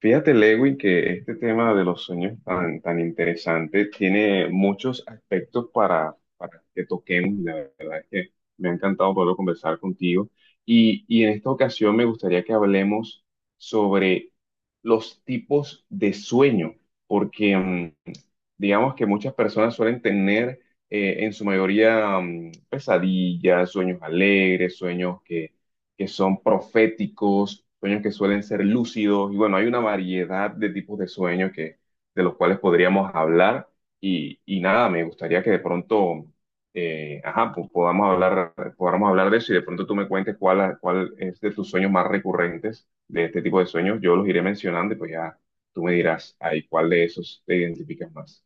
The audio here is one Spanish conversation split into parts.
Fíjate, Lewin, que este tema de los sueños tan interesante tiene muchos aspectos para que toquemos. La verdad es que me ha encantado poder conversar contigo. Y en esta ocasión me gustaría que hablemos sobre los tipos de sueño, porque digamos que muchas personas suelen tener en su mayoría pesadillas, sueños alegres, sueños que son proféticos, sueños que suelen ser lúcidos, y bueno, hay una variedad de tipos de sueños que, de los cuales podríamos hablar, y nada, me gustaría que de pronto, ajá, pues podamos hablar de eso, y de pronto tú me cuentes cuál es de tus sueños más recurrentes de este tipo de sueños, yo los iré mencionando, y pues ya tú me dirás ahí cuál de esos te identificas más.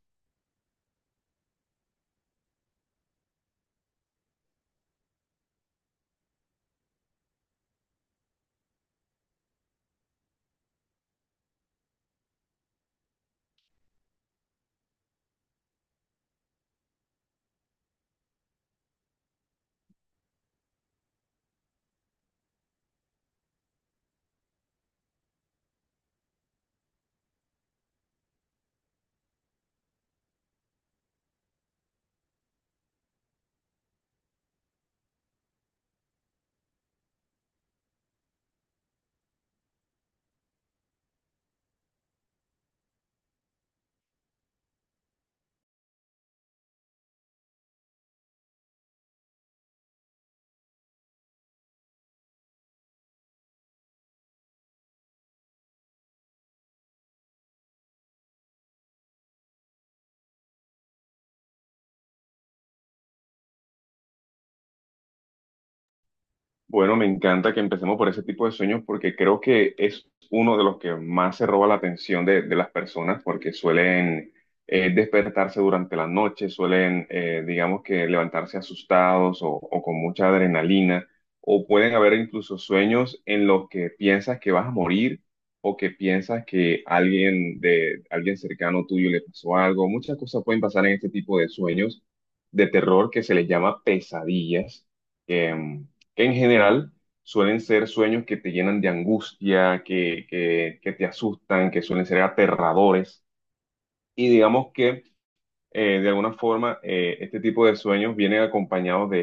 Bueno, me encanta que empecemos por ese tipo de sueños porque creo que es uno de los que más se roba la atención de las personas porque suelen despertarse durante la noche, suelen, digamos que, levantarse asustados o con mucha adrenalina, o pueden haber incluso sueños en los que piensas que vas a morir o que piensas que alguien de alguien cercano tuyo le pasó algo. Muchas cosas pueden pasar en este tipo de sueños de terror que se les llama pesadillas. em, que en general suelen ser sueños que te llenan de angustia, que te asustan, que suelen ser aterradores. Y digamos que de alguna forma, este tipo de sueños vienen acompañados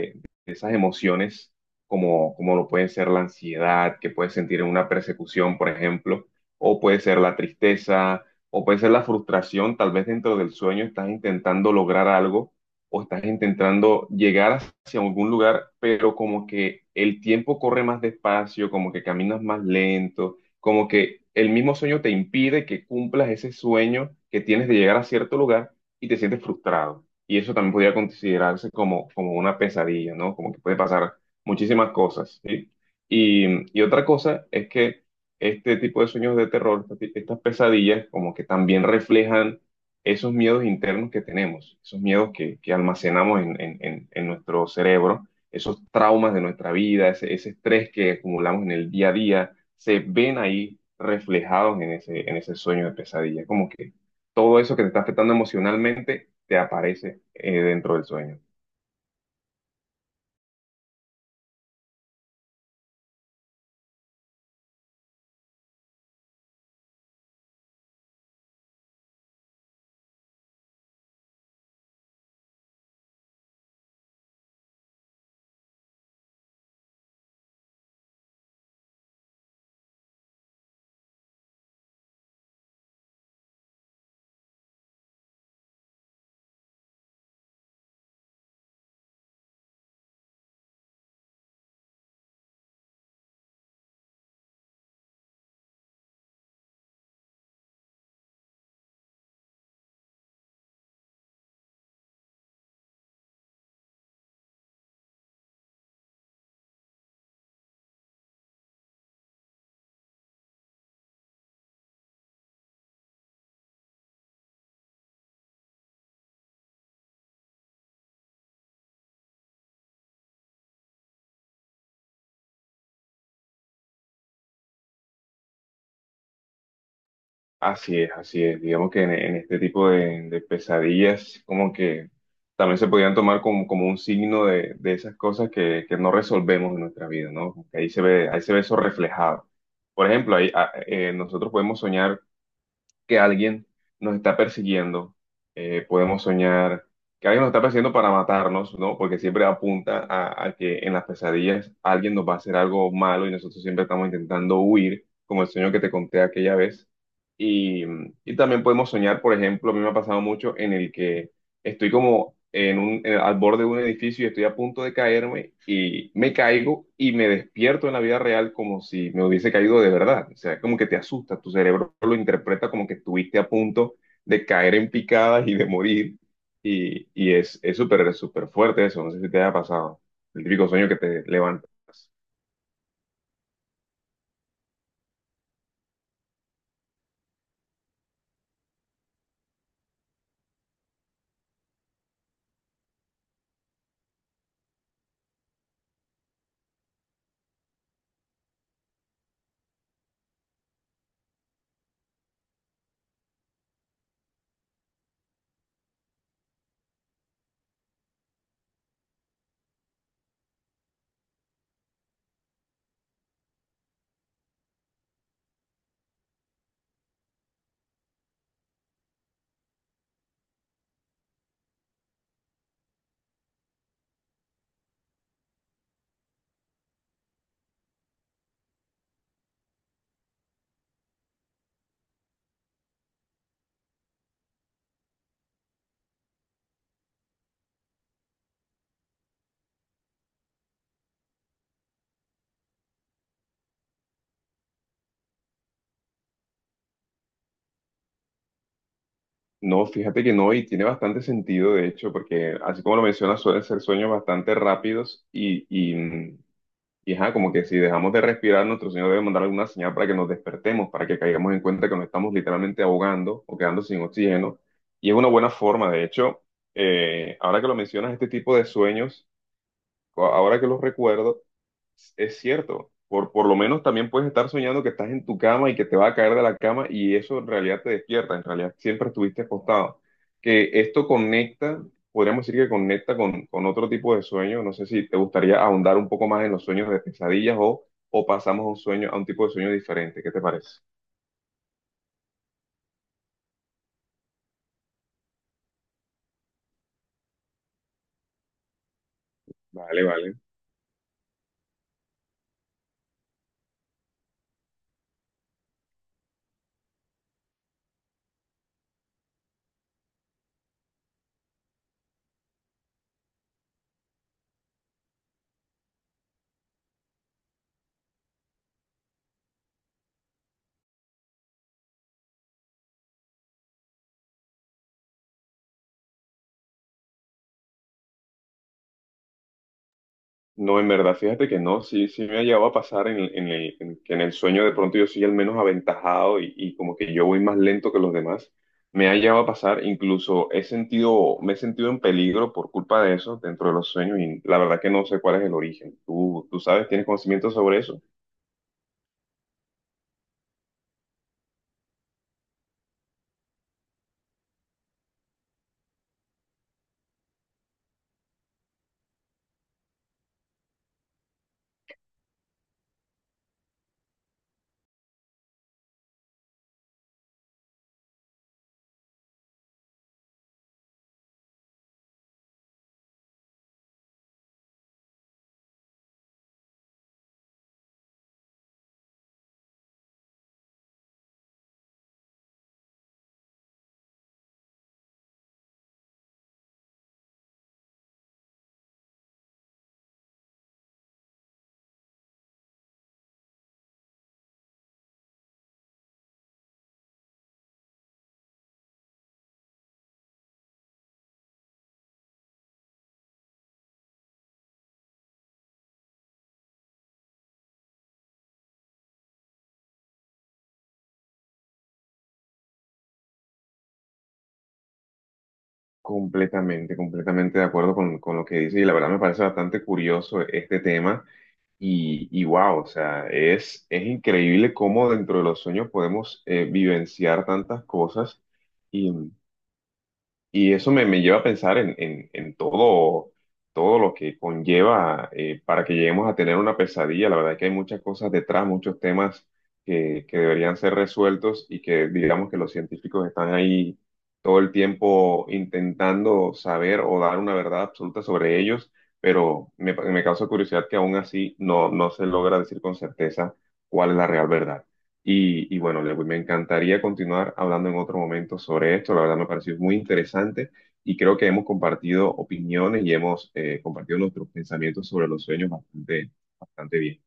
de esas emociones, como, como lo puede ser la ansiedad, que puedes sentir en una persecución, por ejemplo, o puede ser la tristeza, o puede ser la frustración. Tal vez dentro del sueño estás intentando lograr algo o estás intentando llegar hacia algún lugar, pero como que el tiempo corre más despacio, como que caminas más lento, como que el mismo sueño te impide que cumplas ese sueño que tienes de llegar a cierto lugar y te sientes frustrado. Y eso también podría considerarse como, como una pesadilla, ¿no? Como que puede pasar muchísimas cosas, ¿sí? Y, y otra cosa es que este tipo de sueños de terror, estas pesadillas, como que también reflejan esos miedos internos que tenemos, esos miedos que almacenamos en nuestro cerebro, esos traumas de nuestra vida, ese estrés que acumulamos en el día a día, se ven ahí reflejados en ese sueño de pesadilla, como que todo eso que te está afectando emocionalmente te aparece dentro del sueño. Así es, así es. Digamos que en este tipo de pesadillas, como que también se podían tomar como, como un signo de esas cosas que no resolvemos en nuestra vida, ¿no? Como que ahí se ve eso reflejado. Por ejemplo, ahí, nosotros podemos soñar que alguien nos está persiguiendo. Podemos soñar que alguien nos está persiguiendo para matarnos, ¿no? Porque siempre apunta a que en las pesadillas alguien nos va a hacer algo malo y nosotros siempre estamos intentando huir, como el sueño que te conté aquella vez. Y, y también podemos soñar, por ejemplo, a mí me ha pasado mucho en el que estoy como en un, al borde de un edificio y estoy a punto de caerme y me caigo y me despierto en la vida real como si me hubiese caído de verdad. O sea, como que te asusta, tu cerebro lo interpreta como que estuviste a punto de caer en picadas y de morir. Y es súper fuerte eso, no sé si te haya pasado. El típico sueño que te levantas. No, fíjate que no, y tiene bastante sentido, de hecho, porque así como lo mencionas, suelen ser sueños bastante rápidos y ajá, como que si dejamos de respirar, nuestro Señor debe mandar alguna señal para que nos despertemos, para que caigamos en cuenta que nos estamos literalmente ahogando o quedando sin oxígeno. Y es una buena forma, de hecho, ahora que lo mencionas, este tipo de sueños, ahora que los recuerdo, es cierto, por lo menos también puedes estar soñando que estás en tu cama y que te va a caer de la cama y eso en realidad te despierta, en realidad siempre estuviste acostado. Que esto conecta, podríamos decir que conecta con otro tipo de sueño, no sé si te gustaría ahondar un poco más en los sueños de pesadillas o pasamos a un sueño, a un tipo de sueño diferente, ¿qué te parece? Vale, vale. No, en verdad, fíjate que no, sí, sí me ha llegado a pasar en el, en que en el sueño de pronto yo soy el menos aventajado y como que yo voy más lento que los demás. Me ha llegado a pasar, incluso he sentido, me he sentido en peligro por culpa de eso dentro de los sueños y la verdad que no sé cuál es el origen. ¿Tú sabes, tienes conocimiento sobre eso? Completamente, completamente de acuerdo con lo que dices y la verdad me parece bastante curioso este tema. Y wow, o sea, es increíble cómo dentro de los sueños podemos vivenciar tantas cosas. Y eso me, me lleva a pensar en, en todo, todo lo que conlleva para que lleguemos a tener una pesadilla. La verdad es que hay muchas cosas detrás, muchos temas que deberían ser resueltos y que digamos que los científicos están ahí todo el tiempo intentando saber o dar una verdad absoluta sobre ellos, pero me causa curiosidad que aún así no, no se logra decir con certeza cuál es la real verdad. Y bueno, Lewin, me encantaría continuar hablando en otro momento sobre esto. La verdad me pareció muy interesante y creo que hemos compartido opiniones y hemos compartido nuestros pensamientos sobre los sueños bastante, bastante bien.